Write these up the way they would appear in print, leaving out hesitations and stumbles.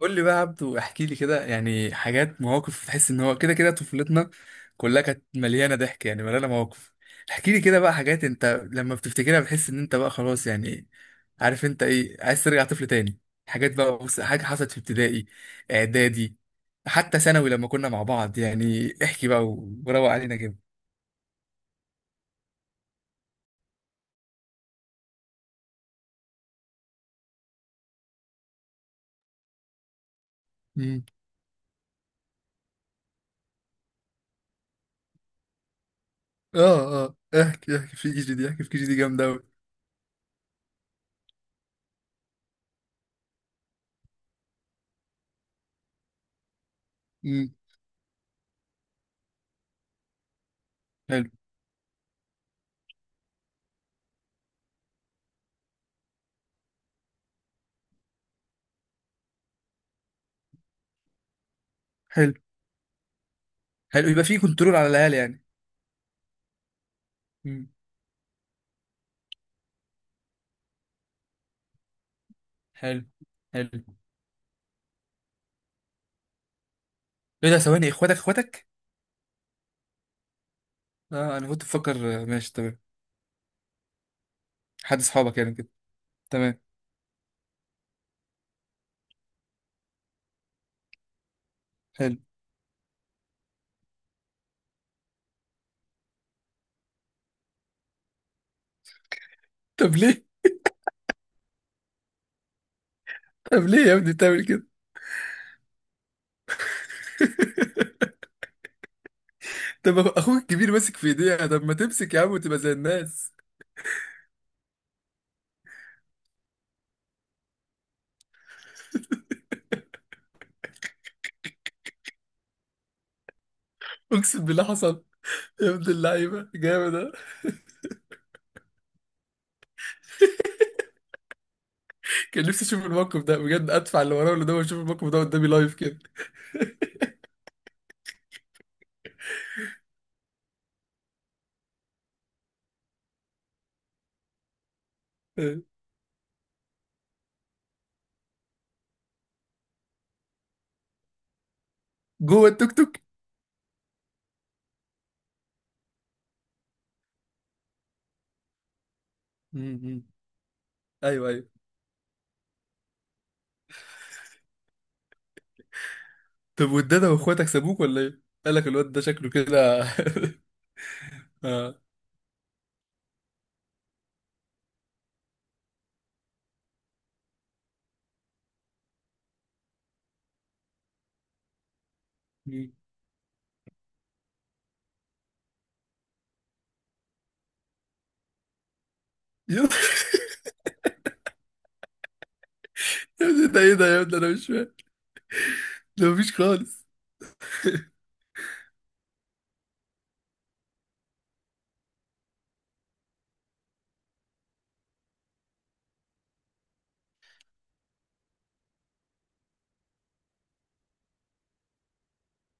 قول لي بقى يا عبدو، احكي لي كده يعني حاجات مواقف تحس ان هو كده كده طفولتنا كلها كانت مليانه ضحك، يعني مليانه مواقف. احكي لي كده بقى حاجات انت لما بتفتكرها بتحس ان انت بقى خلاص يعني عارف انت ايه، عايز ترجع طفل تاني. حاجات بقى، بص، حاجه حصلت في ابتدائي، اعدادي، حتى ثانوي لما كنا مع بعض، يعني احكي بقى وروق علينا كده. امم اه اه، احكي احكي في كي جي دي، احكي في كي جي دي جامده قوي. امم حلو. حلو. حلو، يبقى في كنترول على العيال يعني. امم حلو. حلو. ايه ده؟ ثواني، اخواتك؟ اه، انا كنت بفكر، ماشي تمام. حد اصحابك يعني كده؟ تمام. حلو. طب ليه؟ طب ليه يا ابني بتعمل كده؟ طب اخوك الكبير ماسك في ايديها، طب ما تمسك يا عم وتبقى زي الناس. اقسم بالله حصل؟ يا ابن اللعيبه، جامد ده. كان نفسي اشوف الموقف ده بجد، ادفع اللي وراه ولا ده واشوف الموقف ده قدامي لايف كده. آه. جوه التوك توك؟ م- م. ايوه ايوه. طب والدادا واخواتك سابوك ولا ايه؟ قال لك الواد ده شكله كده. اه. م. يا ابني ده ايه ده يا ابني، انا مش فاهم. ده مفيش خالص.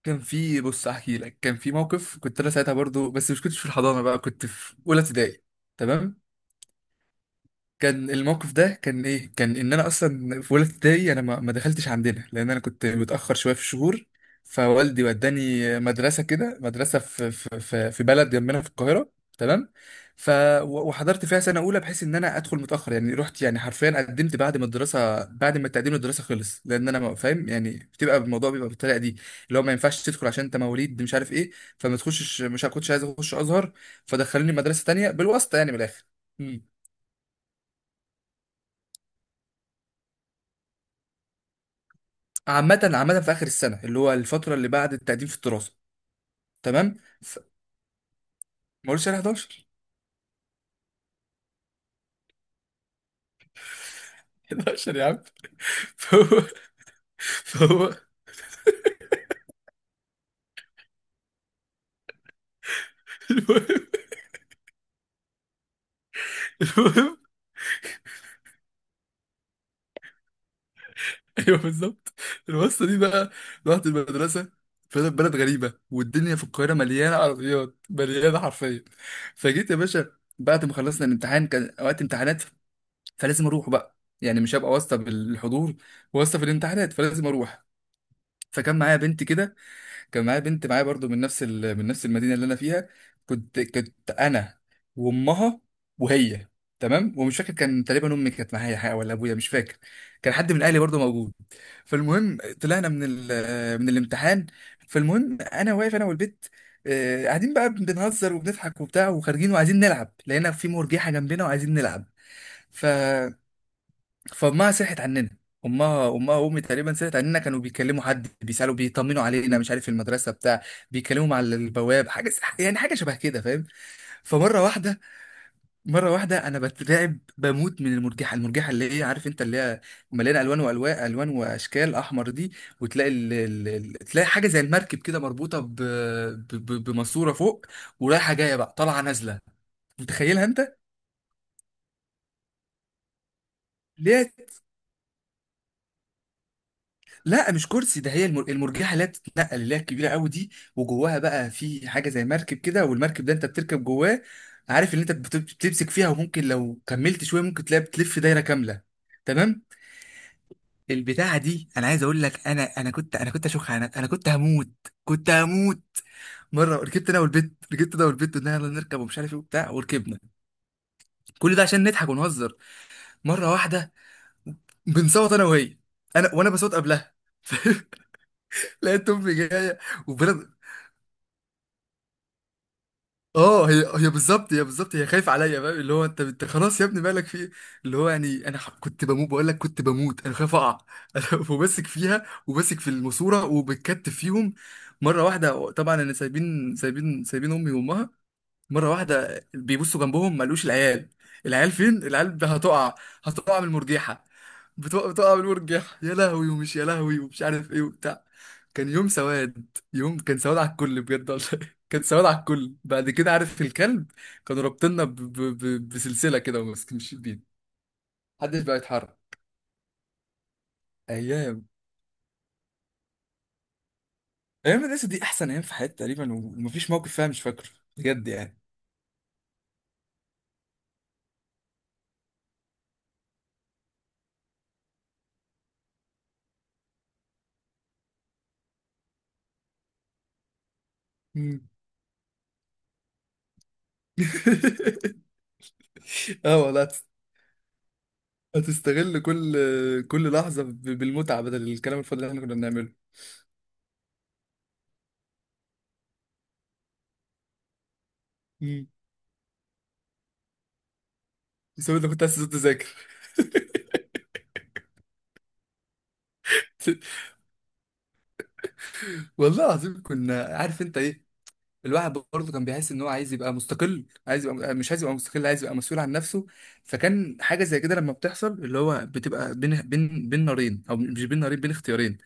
كان في، بص احكي لك، كان في موقف كنت انا ساعتها برضو، بس مش كنتش في الحضانه بقى، كنت في اولى ابتدائي. تمام. كان الموقف ده كان ايه، كان ان انا اصلا في اولى ابتدائي انا ما دخلتش عندنا لان انا كنت متاخر شويه في الشهور. فوالدي وداني مدرسه كده، مدرسه في بلد جنبنا في القاهره. تمام. ف وحضرت فيها سنه اولى بحيث ان انا ادخل متاخر يعني، رحت يعني حرفيا قدمت بعد ما الدراسه، بعد ما تقديم الدراسه خلص، لان انا فاهم يعني، بتبقى الموضوع بيبقى بالطريقه دي اللي هو ما ينفعش تدخل عشان انت مواليد مش عارف ايه. فما تخشش، مش كنتش عايز اخش ازهر، فدخلوني مدرسه تانية بالواسطه يعني من الاخر. عامة عامة في آخر السنة اللي هو الفترة اللي بعد التقديم في الدراسة. تمام. ف... ما قلتش على 11. 11 يا عم. فهو فهو. المهم. المهم. ايوه بالظبط. الواسطة دي بقى، رحت المدرسة، فأنا في بلد غريبة والدنيا في القاهرة مليانة عربيات، مليانة حرفيا. فجيت يا باشا بعد ما خلصنا الامتحان، كان وقت امتحانات فلازم أروح بقى يعني، مش هبقى واسطة بالحضور، واسطة في الامتحانات، فلازم أروح. فكان معايا بنت كده، كان معايا بنت معايا برضو من نفس من نفس المدينه اللي انا فيها. كنت انا وامها وهي. تمام. ومش فاكر كان تقريبا امي كانت معايا حاجه ولا ابويا، مش فاكر. كان حد من اهلي برضو موجود. فالمهم طلعنا من من الامتحان. فالمهم انا واقف انا والبت، قاعدين بقى بنهزر وبنضحك وبتاع وخارجين وعايزين نلعب، لقينا في مرجيحه جنبنا وعايزين نلعب. ف فامها سرحت عننا، امها وامي تقريبا سرحت عننا، كانوا بيكلموا حد بيسالوا بيطمنوا علينا مش عارف في المدرسه بتاع، بيكلموا على البواب حاجه يعني، حاجه شبه كده فاهم. فمره واحده، مره واحده انا بترعب بموت من المرجحه، المرجحه اللي هي عارف انت اللي هي مليانه الوان والوان، الوان واشكال، احمر دي، وتلاقي تلاقي حاجه زي المركب كده مربوطه بماسوره فوق ورايحه جايه بقى، طالعه نازله، متخيلها انت. ليه؟ لا مش كرسي، ده هي المرجحه اللي هي بتتنقل اللي هي الكبيره قوي دي، وجواها بقى في حاجه زي مركب كده، والمركب ده انت بتركب جواه. عارف ان انت بتمسك فيها وممكن لو كملت شويه ممكن تلاقي بتلف دايره كامله. تمام. البتاعه دي انا عايز اقول لك، انا كنت اشوخ، انا كنت هموت، كنت هموت. مره ركبت انا والبت، ركبت انا والبت، قلنا يلا نركب ومش عارف ايه وبتاع، وركبنا. كل ده عشان نضحك ونهزر. مره واحده بنصوت انا وهي، انا، وانا بصوت قبلها. لقيت امي جايه وبلا. اه هي هي بالظبط، هي بالظبط هي خايفه عليا بقى، اللي هو انت انت خلاص يا ابني مالك في ايه، اللي هو يعني انا كنت بموت بقول لك، كنت بموت انا خايف اقع. وماسك فيها وماسك في الماسوره وبتكتف فيهم. مره واحده طبعا انا، سايبين امي وامها، مره واحده بيبصوا جنبهم ما لقوش العيال. العيال فين، العيال هتقع، هتقع من المرجيحه، بتقع بتقع من المرجيحه، يا لهوي ومش، يا لهوي ومش عارف ايه وبتاع. كان يوم سواد، يوم كان سواد على الكل بجد والله. كان سواد على الكل. بعد كده عارف الكلب، كانوا رابطيننا بسلسله كده وماسكين بينا، محدش بقى يتحرك. ايام. ايام المدرسه دي احسن ايام في حياتي تقريبا، ومفيش موقف فيها مش فاكره، بجد يعني. مم. اه والله. هتستغل كل، كل لحظة بالمتعة بدل الكلام الفاضي اللي احنا كنا بنعمله. امم بسبب انك كنت عايز تقعد تذاكر. والله العظيم كنا عارف انت ايه، الواحد برضه كان بيحس ان هو عايز يبقى مستقل، عايز يبقى، مش عايز يبقى مستقل، عايز يبقى مسؤول عن نفسه. فكان حاجة زي كده لما بتحصل، اللي هو بتبقى بين، بين، بين نارين، او مش بين نارين، بين اختيارين،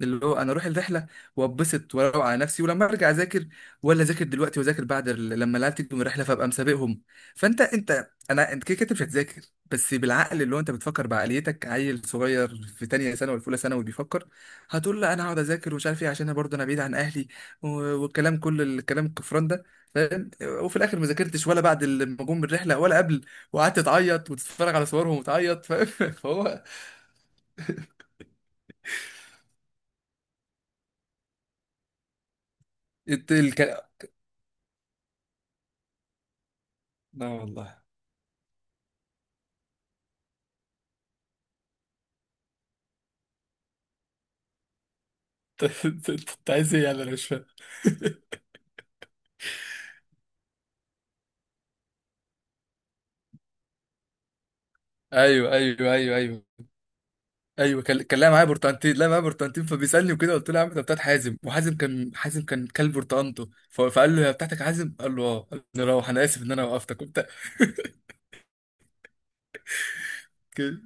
اللي هو انا اروح الرحله واتبسط واروق على نفسي ولما ارجع اذاكر، ولا اذاكر دلوقتي واذاكر بعد لما العيال تيجي من الرحله فابقى مسابقهم. فانت انت انا انت كده كده مش هتذاكر، بس بالعقل اللي هو انت بتفكر بعقليتك عيل صغير في تانية ثانوي ولا في اولى ثانوي بيفكر، هتقول لا انا هقعد اذاكر ومش عارف ايه عشان انا برضه انا بعيد عن اهلي، و- والكلام، كل الكلام الكفران ده، فاهم، وفي الاخر ما ذاكرتش ولا بعد لما جم من الرحله ولا قبل، وقعدت تعيط وتتفرج على صورهم وتعيط فاهم. فهو الت- الك... لا والله. انت عايز ايه يعني، انا مش فاهم. ايوه ايوه ايوه ايوه. ايوه كان كان لاعب معايا برتقانتين، لا معايا برتقانتين، فبيسالني وكده قلت له يا عم ده بتاعت حازم، وحازم كان، حازم كان كلب برتقانته، فقال له هي بتاعتك يا حازم، قال له اه، قال له روح انا اسف ان انا وقفتك وبتاع كده.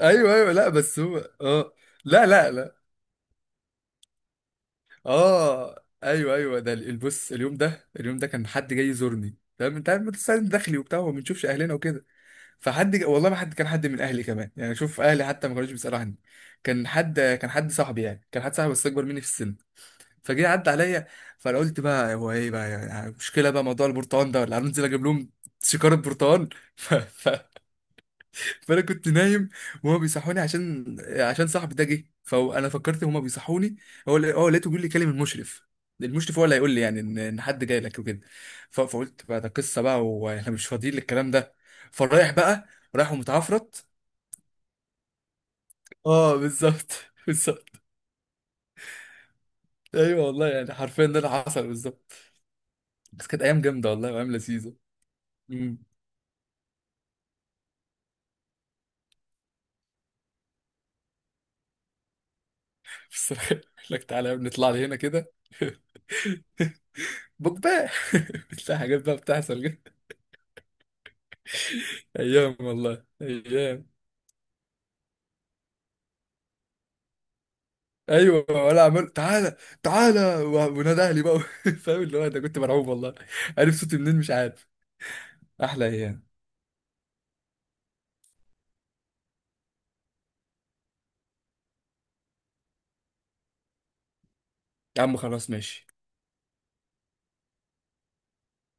ايوه ايوه. لا بس هو اه، لا لا لا. اه ايوه ايوه، ده البص، اليوم ده، اليوم ده كان حد جاي يزورني، تمام، انت عارف بس داخلي وبتاع وما بنشوفش اهلنا وكده. فحد والله ما حد كان، حد من اهلي كمان يعني، شوف اهلي حتى ما كانوش بيسالوا عني، كان حد كان حد صاحبي يعني، كان حد صاحبي بس اكبر مني في السن. فجه عدى عليا، فانا قلت بقى هو ايه بقى يعني مشكله بقى موضوع البرتقال ده، ولا هننزل اجيب لهم شكاره برتقال. ف... ف... فانا كنت نايم وهما بيصحوني عشان، عشان صاحبي ده جه، فانا فكرت هما بيصحوني، هو لقيته بيقول لي كلم المشرف، المشرف هو اللي هيقول لي يعني ان إن حد جاي لك وكده. فقلت بقى ده قصه بقى واحنا مش فاضيين للكلام ده، فرايح بقى، رايح ومتعفرت. اه بالظبط. بالظبط. ايوه والله يعني حرفيا ده اللي حصل بالظبط. بس كانت ايام جامده والله، وايام لذيذه. امم بصراحه. يقول لك تعالى يا ابني نطلع لي هنا كده. بوجباه. بتلاقي حاجات بقى بتحصل كده. ايام والله ايام. ايوه ولا عمال تعالى تعالى، ونادى اهلي بقى. فاهم اللي هو ده، كنت مرعوب والله، عارف صوتي منين مش عارف. احلى ايام. يا عم خلاص ماشي.